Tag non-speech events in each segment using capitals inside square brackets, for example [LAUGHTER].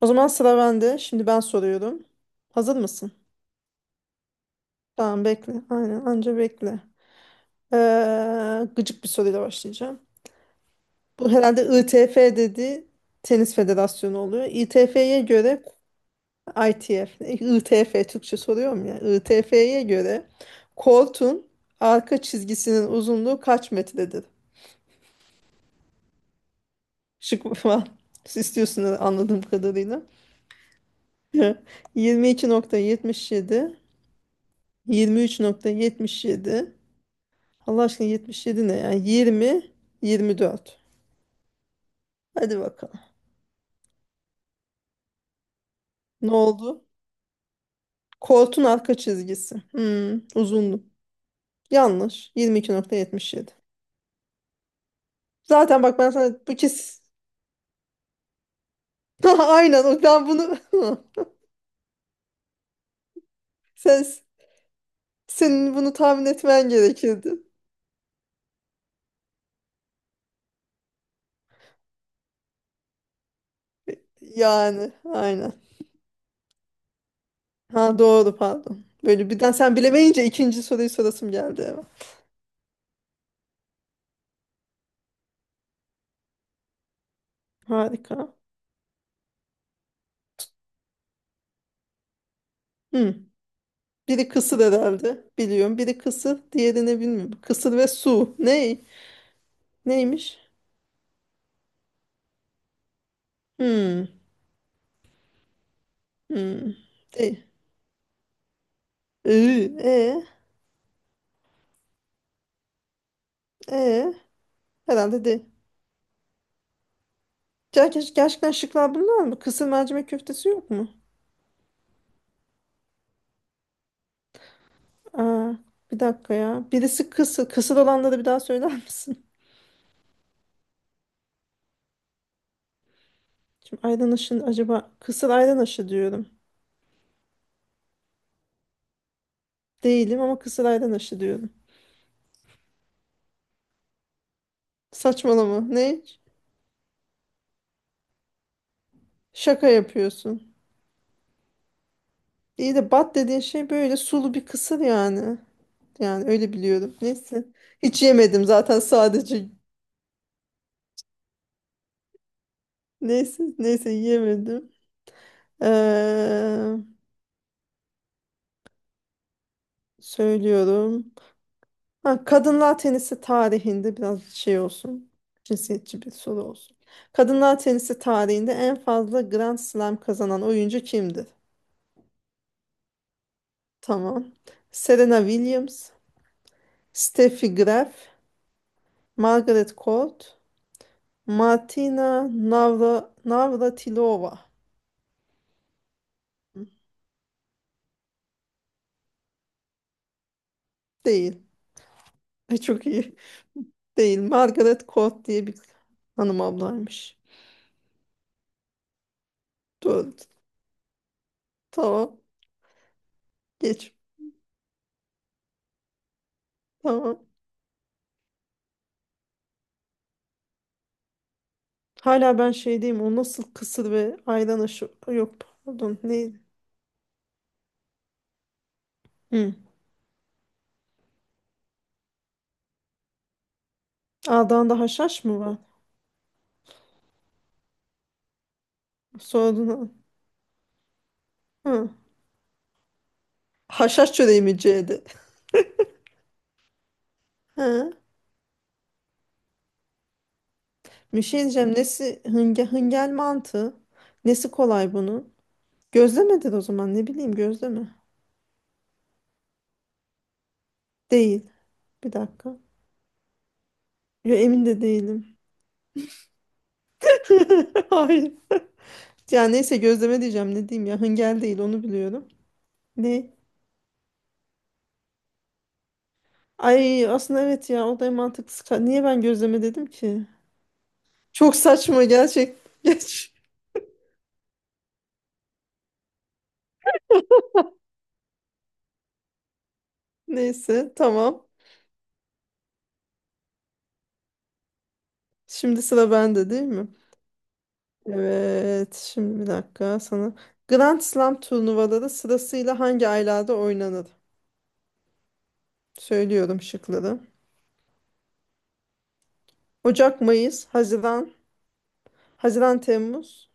O zaman sıra bende. Şimdi ben soruyorum. Hazır mısın? Tamam, bekle. Aynen, anca bekle. Gıcık bir soruyla başlayacağım. Bu herhalde ITF dediği tenis federasyonu oluyor. ITF'ye göre ITF, ITF Türkçe soruyorum ya. ITF'ye göre kortun arka çizgisinin uzunluğu kaç metredir? Şık var. [LAUGHS] Siz istiyorsunuz anladığım kadarıyla. [LAUGHS] 22.77, 23.77. Allah aşkına, 77 ne yani? 20, 24. Hadi bakalım. Ne oldu? Koltuğun arka çizgisi. Hmm, uzundu. Yanlış. 22.77. Zaten bak, ben sana bu kes [LAUGHS] aynen o, ben bunu [LAUGHS] sen senin bunu tahmin etmen gerekirdi. Yani aynen. Ha, doğru, pardon. Böyle birden sen bilemeyince ikinci soruyu sorasım geldi eve. Harika. Hmm. Biri kısır herhalde. Biliyorum. Biri kısır, diğerini bilmiyorum. Kısır ve su. Ne? Neymiş? Hmm. Hmm. De. E. E. Herhalde de. Ya Gerçekten şıklar bunlar mı? Kısır mercimek köftesi yok mu? Aa, bir dakika ya. Birisi kısır. Kısır olanları bir daha söyler misin? Şimdi ayran aşı acaba, kısır ayran aşı diyorum. Değilim ama kısır ayran aşı diyorum. Saçmalama. Ne? Şaka yapıyorsun. İyi de bat dediğin şey böyle sulu bir kısır yani. Yani öyle biliyorum. Neyse. Hiç yemedim zaten sadece. Neyse, neyse yiyemedim. Ee, söylüyorum. Ha, kadınlar tenisi tarihinde biraz şey olsun. Cinsiyetçi bir soru olsun. Kadınlar tenisi tarihinde en fazla Grand Slam kazanan oyuncu kimdir? Tamam. Serena Williams, Steffi Graf, Margaret Court, Martina Navratilova. Hı. Değil. [LAUGHS] Çok iyi. Değil. Margaret Court diye bir hanım ablaymış. Doğru. Tamam. Geç. Tamam. Hala ben şeydeyim. O nasıl kısır ve ayran aşı... Yok, pardon. Neydi? Hı. A'dan da haşhaş mı var? Sordun ha. Hı. Haşhaş çöreği mi C'di? Hı. Bir şey diyeceğim. Nesi hıngel mantı? Nesi kolay bunun? Gözlemedir o zaman. Ne bileyim gözleme. Değil. Bir dakika. Yo, emin de değilim. [LAUGHS] Hayır. Ya neyse, gözleme diyeceğim. Ne diyeyim ya. Hıngel değil, onu biliyorum. Ne? Ay, aslında evet ya, o da en mantıklısı. Niye ben gözleme dedim ki? Çok saçma gerçek. [LAUGHS] Geç. Neyse tamam. Şimdi sıra bende değil mi? Evet. Şimdi bir dakika sana. Grand Slam turnuvaları sırasıyla hangi aylarda oynanır? Söylüyorum şıkları. Ocak, Mayıs, Haziran, Haziran, Temmuz,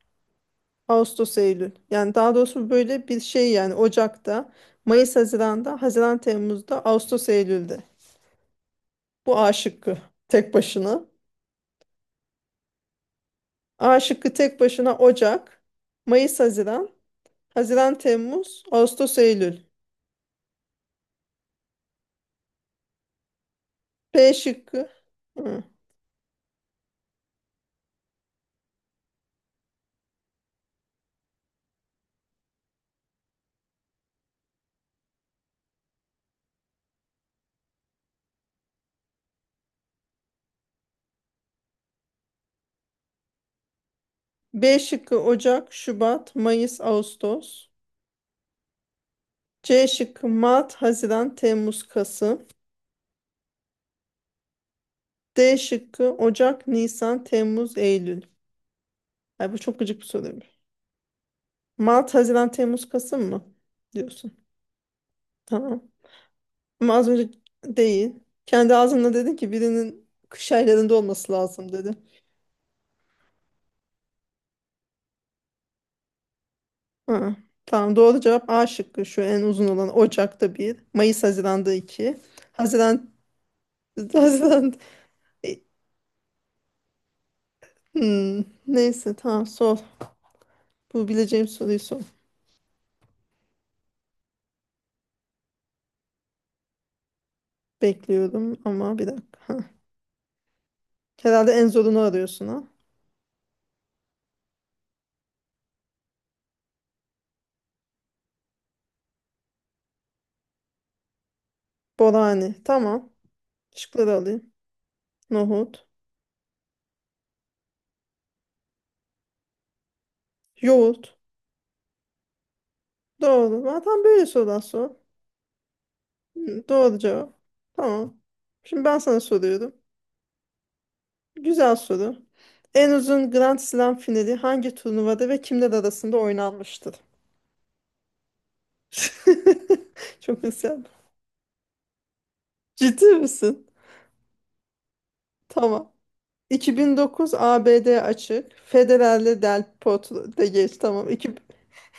Ağustos, Eylül. Yani daha doğrusu böyle bir şey yani, Ocak'ta, Mayıs, Haziran'da, Haziran, Temmuz'da, Ağustos, Eylül'de. Bu A şıkkı tek başına. A şıkkı tek başına Ocak, Mayıs, Haziran, Haziran, Temmuz, Ağustos, Eylül. B şıkkı. Hı. B şıkkı Ocak, Şubat, Mayıs, Ağustos. C şıkkı Mart, Haziran, Temmuz, Kasım. D şıkkı Ocak, Nisan, Temmuz, Eylül. Ay, bu çok gıcık bir soruymuş. Mart, Haziran, Temmuz, Kasım mı diyorsun? Tamam. Ama az önce değil. Kendi ağzınla dedin ki, birinin kış aylarında olması lazım, dedi. Ha, tamam, doğru cevap A şıkkı, şu en uzun olan. Ocak'ta bir, Mayıs Haziran'da iki. Haziran. [LAUGHS] Haziran. E, neyse tamam, sor. Bu bileceğim soruyu sor. Bekliyorum ama bir dakika. Ha. Herhalde en zorunu arıyorsun ha. Borani. Tamam. Şıkları alayım. Nohut. Yoğurt. Doğru. Zaten böyle sorular sor. Hı, doğru cevap. Tamam. Şimdi ben sana soruyorum. Güzel soru. En uzun Grand Slam finali hangi turnuvada ve kimler arasında oynanmıştır? [LAUGHS] Çok hırsyan. Ciddi misin? Tamam. 2009 ABD açık. Federer'le Del Potro, de geç tamam.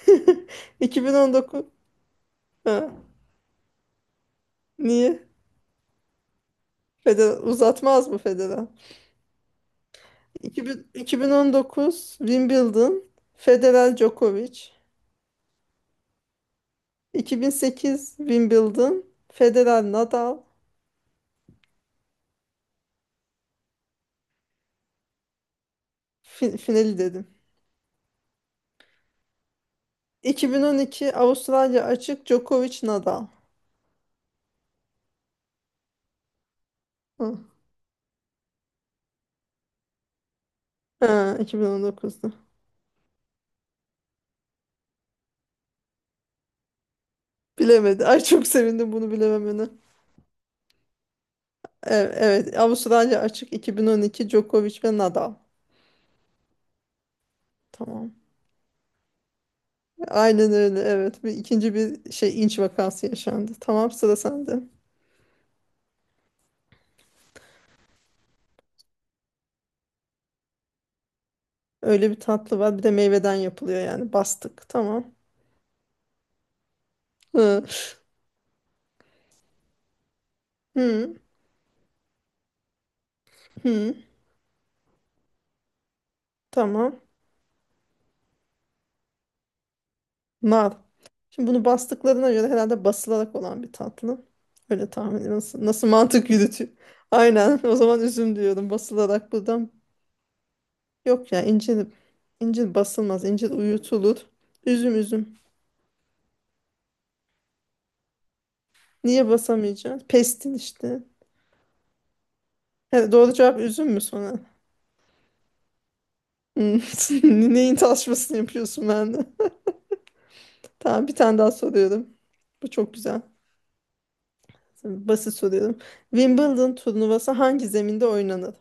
[LAUGHS] 2019. Ha, niye? Federer uzatmaz mı Federer? İki bin 2019 Wimbledon Federer Djokovic. 2008 Wimbledon Federer Nadal. Finali dedim. 2012 Avustralya Açık Djokovic Nadal. Hı. Ha, 2019'da. Bilemedi. Ay, çok sevindim bunu bilememene. Evet, evet. Avustralya Açık 2012 Djokovic ve Nadal. Tamam. Aynen öyle. Evet. Bir ikinci bir şey inç vakası yaşandı. Tamam, sıra sende. Öyle bir tatlı var. Bir de meyveden yapılıyor yani. Bastık. Tamam. Hı. Hı. Hı. Tamam. Nar. Şimdi bunu bastıklarına göre herhalde basılarak olan bir tatlı. Öyle tahmin ediyorum. Nasıl mantık yürütüyor? Aynen. [LAUGHS] O zaman üzüm diyorum. Basılarak buradan. Yok ya, incir basılmaz. İncir uyutulur. Üzüm üzüm. Niye basamayacağız? Pestin işte. He, doğru cevap üzüm mü sonra? Hmm. [LAUGHS] Neyin tartışmasını yapıyorsun ben de? [LAUGHS] Tamam, bir tane daha soruyorum. Bu çok güzel. Basit soruyorum. Wimbledon turnuvası hangi zeminde oynanır?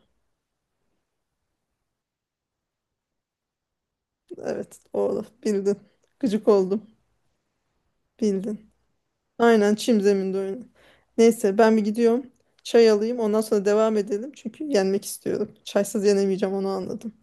Evet, doğru bildin. Gıcık oldum. Bildin. Aynen çim zeminde oyunu. Neyse, ben bir gidiyorum. Çay alayım ondan sonra devam edelim. Çünkü yenmek istiyorum. Çaysız yenemeyeceğim, onu anladım.